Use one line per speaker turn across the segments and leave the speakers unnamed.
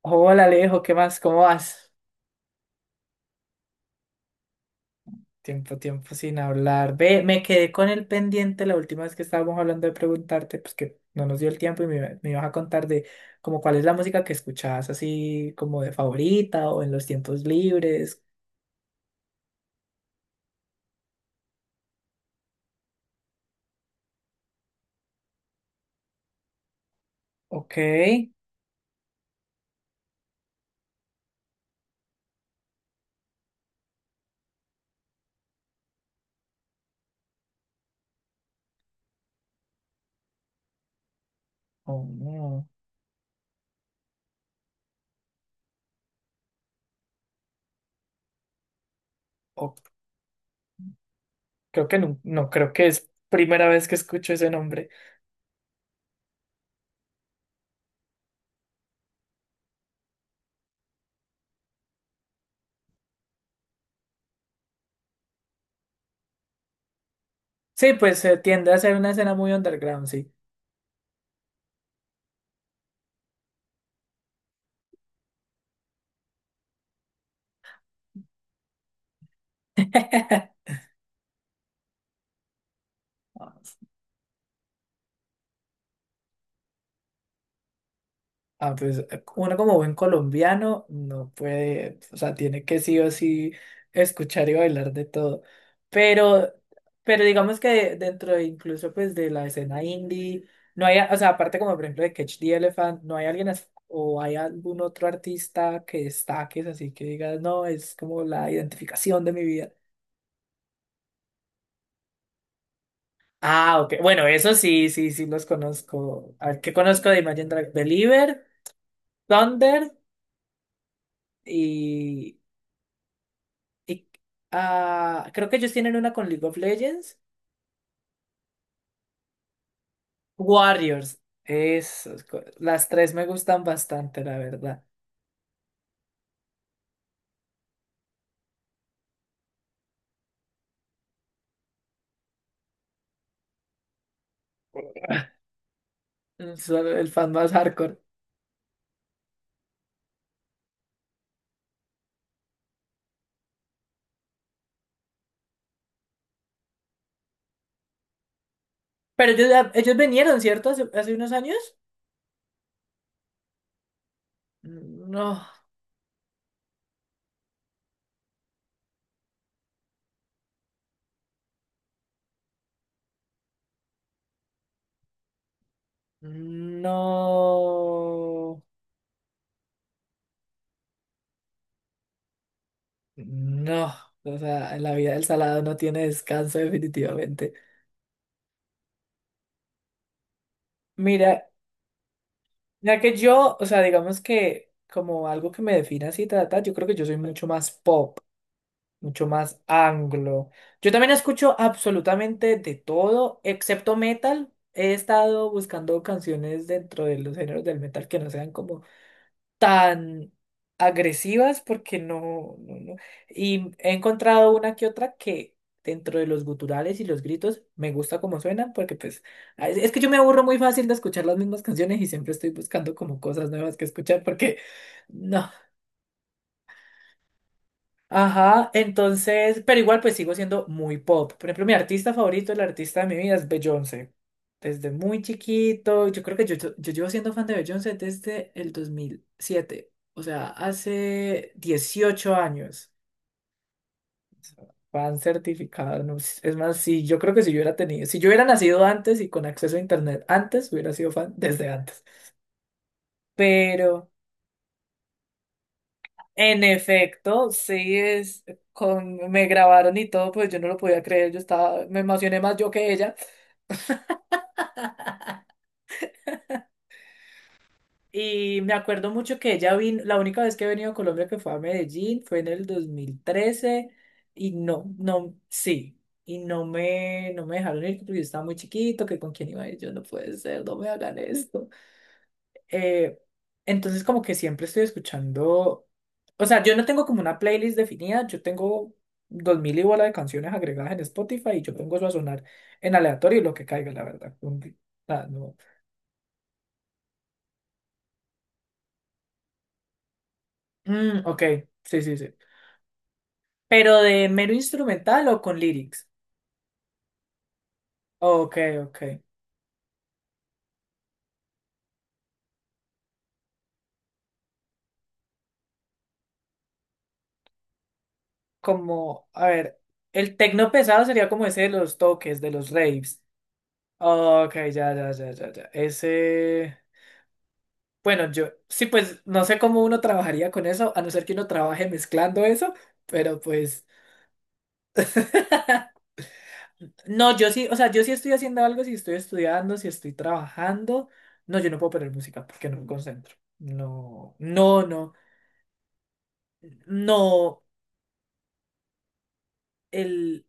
Hola Alejo, ¿qué más? ¿Cómo vas? Tiempo, tiempo sin hablar. Ve, me quedé con el pendiente la última vez que estábamos hablando de preguntarte, pues que no nos dio el tiempo y me ibas a contar de como cuál es la música que escuchabas así como de favorita o en los tiempos libres. Ok. Oh, no. O- Creo que no, no creo que es primera vez que escucho ese nombre. Sí, pues tiende a ser una escena muy underground, sí. Ah, pues uno como buen colombiano no puede, o sea, tiene que sí o sí escuchar y bailar de todo. Pero, pero digamos que dentro de incluso pues de la escena indie, no hay, o sea, aparte como por ejemplo de Catch the Elephant, no hay o hay algún otro artista que destaques así que digas, no, es como la identificación de mi vida. Ah, ok. Bueno, eso sí, sí, sí los conozco. A ver, ¿qué conozco de Imagine Dragons? Believer, Thunder y creo que ellos tienen una con League of Legends. Warriors. Esos, las tres me gustan bastante, la verdad. Son el fan más hardcore. Pero ellos vinieron, ¿cierto? Hace unos años. No. No. No. O sea, en la vida del salado no tiene descanso definitivamente. Mira, ya que yo, o sea, digamos que como algo que me define así, trata, yo creo que yo soy mucho más pop, mucho más anglo. Yo también escucho absolutamente de todo, excepto metal. He estado buscando canciones dentro de los géneros del metal que no sean como tan agresivas porque no, no, no. Y he encontrado una que otra que dentro de los guturales y los gritos me gusta como suenan porque pues es que yo me aburro muy fácil de escuchar las mismas canciones y siempre estoy buscando como cosas nuevas que escuchar porque no. Ajá, entonces, pero igual pues sigo siendo muy pop. Por ejemplo, mi artista favorito, el artista de mi vida es Beyoncé. Desde muy chiquito, yo creo que yo llevo siendo fan de Beyoncé desde el 2007, o sea, hace 18 años. Fan certificado, no sé. Es más, si yo creo que si yo hubiera tenido, si yo hubiera nacido antes y con acceso a internet antes, hubiera sido fan desde antes. Pero... En efecto, sí es con me grabaron y todo, pues yo no lo podía creer, yo estaba, me emocioné más yo que ella. Y me acuerdo mucho que ella vino, la única vez que he venido a Colombia que fue a Medellín, fue en el 2013, y no, no, sí, y no me dejaron ir porque yo estaba muy chiquito, que con quién iba a ir, yo no puede ser, no me hagan esto. Eh, entonces como que siempre estoy escuchando, o sea, yo no tengo como una playlist definida, yo tengo dos mil y bola de canciones agregadas en Spotify y yo pongo eso a sonar en aleatorio y lo que caiga, la verdad. No. Mm, ok, sí, sí, sí. Pero de mero instrumental o con lyrics. Ok, ok. Como, a ver, el tecno pesado sería como ese de los toques, de los raves. Ok, ya, ya, ya, ya, ya. Ese. Bueno, yo sí, pues no sé cómo uno trabajaría con eso, a no ser que uno trabaje mezclando eso, pero pues... No, yo sí, o sea, yo sí estoy haciendo algo, si estoy estudiando, si estoy trabajando. No, yo no puedo poner música porque no me concentro. No, no, no, no. El.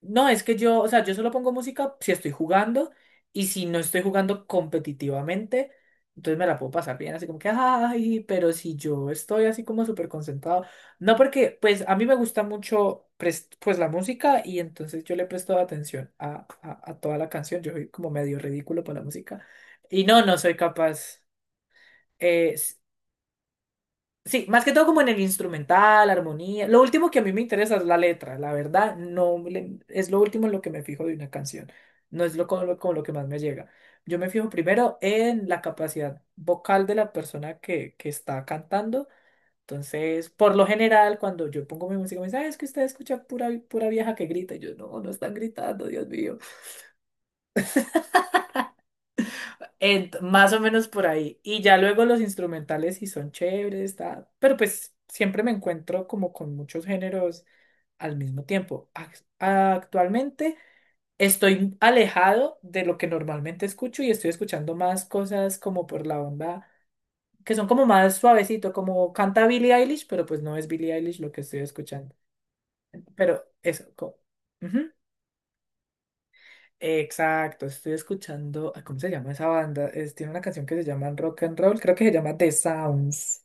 No, es que yo, o sea, yo solo pongo música si estoy jugando y si no estoy jugando competitivamente, entonces me la puedo pasar bien, así como que, ay, pero si yo estoy así como súper concentrado. No, porque pues a mí me gusta mucho pues la música y entonces yo le presto atención a toda la canción, yo soy como medio ridículo para la música y no, no soy capaz. eh, Sí, más que todo como en el instrumental, armonía. Lo último que a mí me interesa es la letra, la verdad, no le- es lo último en lo que me fijo de una canción. No es lo como, lo como lo que más me llega. Yo me fijo primero en la capacidad vocal de la persona que está cantando. Entonces, por lo general, cuando yo pongo mi música, me dicen, "Ay, es que usted escucha pura, pura vieja que grita". Y yo, no, no están gritando, Dios mío. Más o menos por ahí. Y ya luego los instrumentales sí son chéveres, pero pues siempre me encuentro como con muchos géneros al mismo tiempo. Actualmente estoy alejado de lo que normalmente escucho y estoy escuchando más cosas como por la onda, que son como más suavecito, como canta Billie Eilish, pero pues no es Billie Eilish lo que estoy escuchando. Pero eso, como... Exacto, estoy escuchando, ¿cómo se llama esa banda? Tiene una canción que se llama Rock and Roll, creo que se llama The Sounds,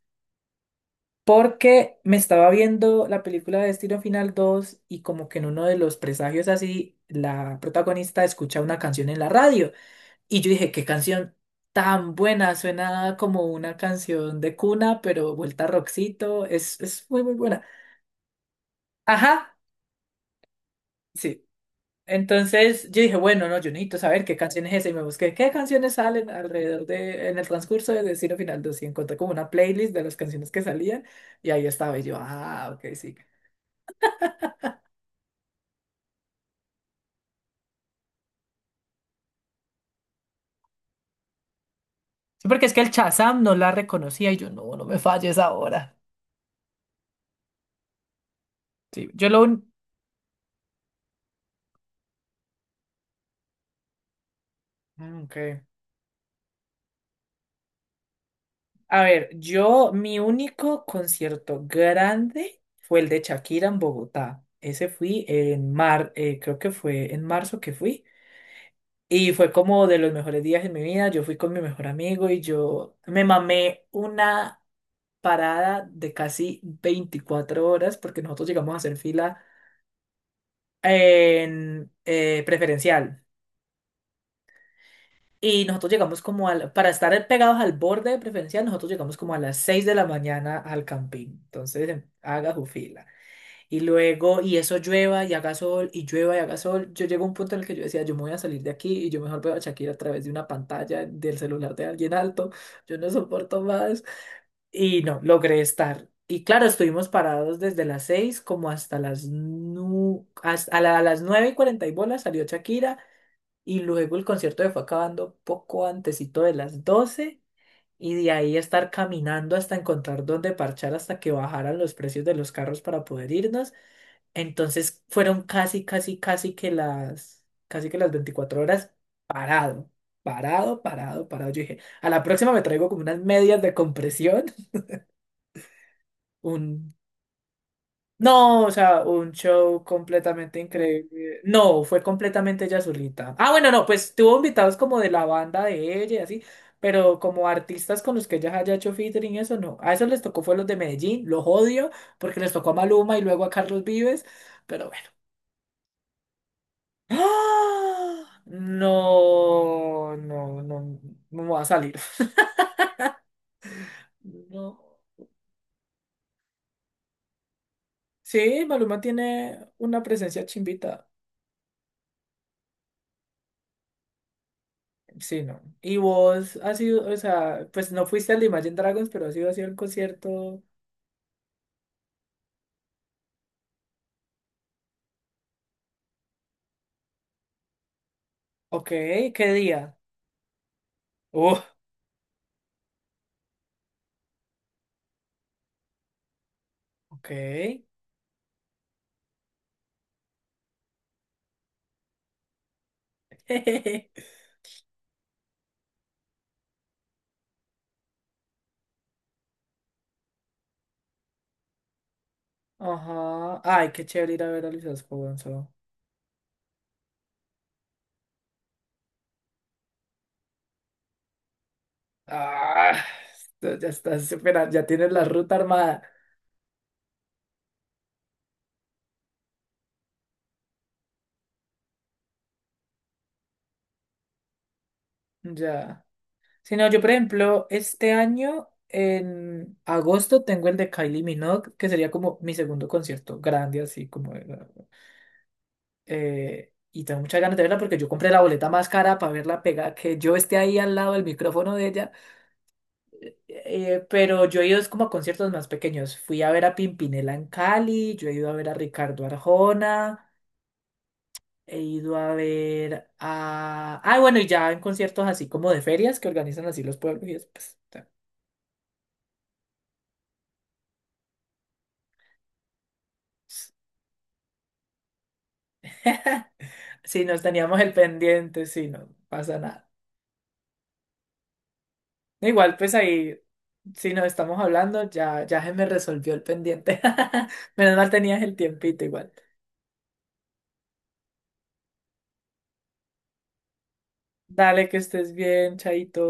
porque me estaba viendo la película de Destino Final 2 y como que en uno de los presagios así, la protagonista escucha una canción en la radio y yo dije, qué canción tan buena, suena como una canción de cuna, pero vuelta a rockcito, es muy, muy buena. Ajá. Sí. Entonces yo dije, bueno, no, yo necesito saber qué canción es esa y me busqué qué canciones salen alrededor de, en el transcurso de Destino Final 2 y encontré como una playlist de las canciones que salían y ahí estaba y yo, ah, ok, sí. Sí, porque es que el Shazam no la reconocía y yo, no, no me falles ahora. Sí, yo lo... un-. Mm, ok. A ver, yo, mi único concierto grande fue el de Shakira en Bogotá. Ese fui en creo que fue en marzo que fui. Y fue como de los mejores días de mi vida. Yo fui con mi mejor amigo y yo me mamé una parada de casi 24 horas porque nosotros llegamos a hacer fila en preferencial. Y nosotros llegamos como para estar pegados al borde de preferencial, nosotros llegamos como a las 6 de la mañana al camping. Entonces, haga su fila. Y luego, y eso llueva y haga sol, y llueva y haga sol. Yo llego a un punto en el que yo decía, yo me voy a salir de aquí y yo mejor veo a Shakira a través de una pantalla del celular de alguien alto. Yo no soporto más. Y no, logré estar. Y claro, estuvimos parados desde las 6 como hasta las, nu hasta a la- a las 9 y 40 y bolas salió Shakira. Y luego el concierto se fue acabando poco antesito de las 12. Y de ahí estar caminando hasta encontrar dónde parchar hasta que bajaran los precios de los carros para poder irnos. Entonces fueron casi, casi, casi que casi que las 24 horas, parado, parado, parado, parado. Yo dije, a la próxima me traigo como unas medias de compresión, un... No, o sea, un show completamente increíble. No, fue completamente ella solita. Ah, bueno, no, pues tuvo invitados como de la banda de ella y así, pero como artistas con los que ella haya hecho featuring, y eso no. A eso les tocó fue los de Medellín, los odio, porque les tocó a Maluma y luego a Carlos Vives, pero bueno. ¡Ah! No, no, no, no me va a salir. No. Sí, Maluma tiene una presencia chimbita. Sí, no. Y vos has sido, o sea, pues no fuiste al de Imagine Dragons, pero has ido así al concierto. Ok, ¿qué día? Uh, ok. Ajá. Ay, qué chévere ir a ver a Luis Vasco Gonzo. Ah, ya tienes la ruta armada. Ya. Si no, yo por ejemplo, este año en agosto tengo el de Kylie Minogue, que sería como mi segundo concierto grande, así como... y tengo muchas ganas de verla porque yo compré la boleta más cara para verla pegada, que yo esté ahí al lado del micrófono de ella. Pero yo he ido es como a conciertos más pequeños. Fui a ver a Pimpinela en Cali, yo he ido a ver a Ricardo Arjona. He ido a ver a... Ah, bueno, y ya en conciertos así como de ferias que organizan así los pueblos y después... Si nos teníamos el pendiente, sí, no pasa nada. No, igual, pues ahí, si nos estamos hablando, ya, ya se me resolvió el pendiente. Menos mal tenías el tiempito igual. Dale, que estés bien, chaito.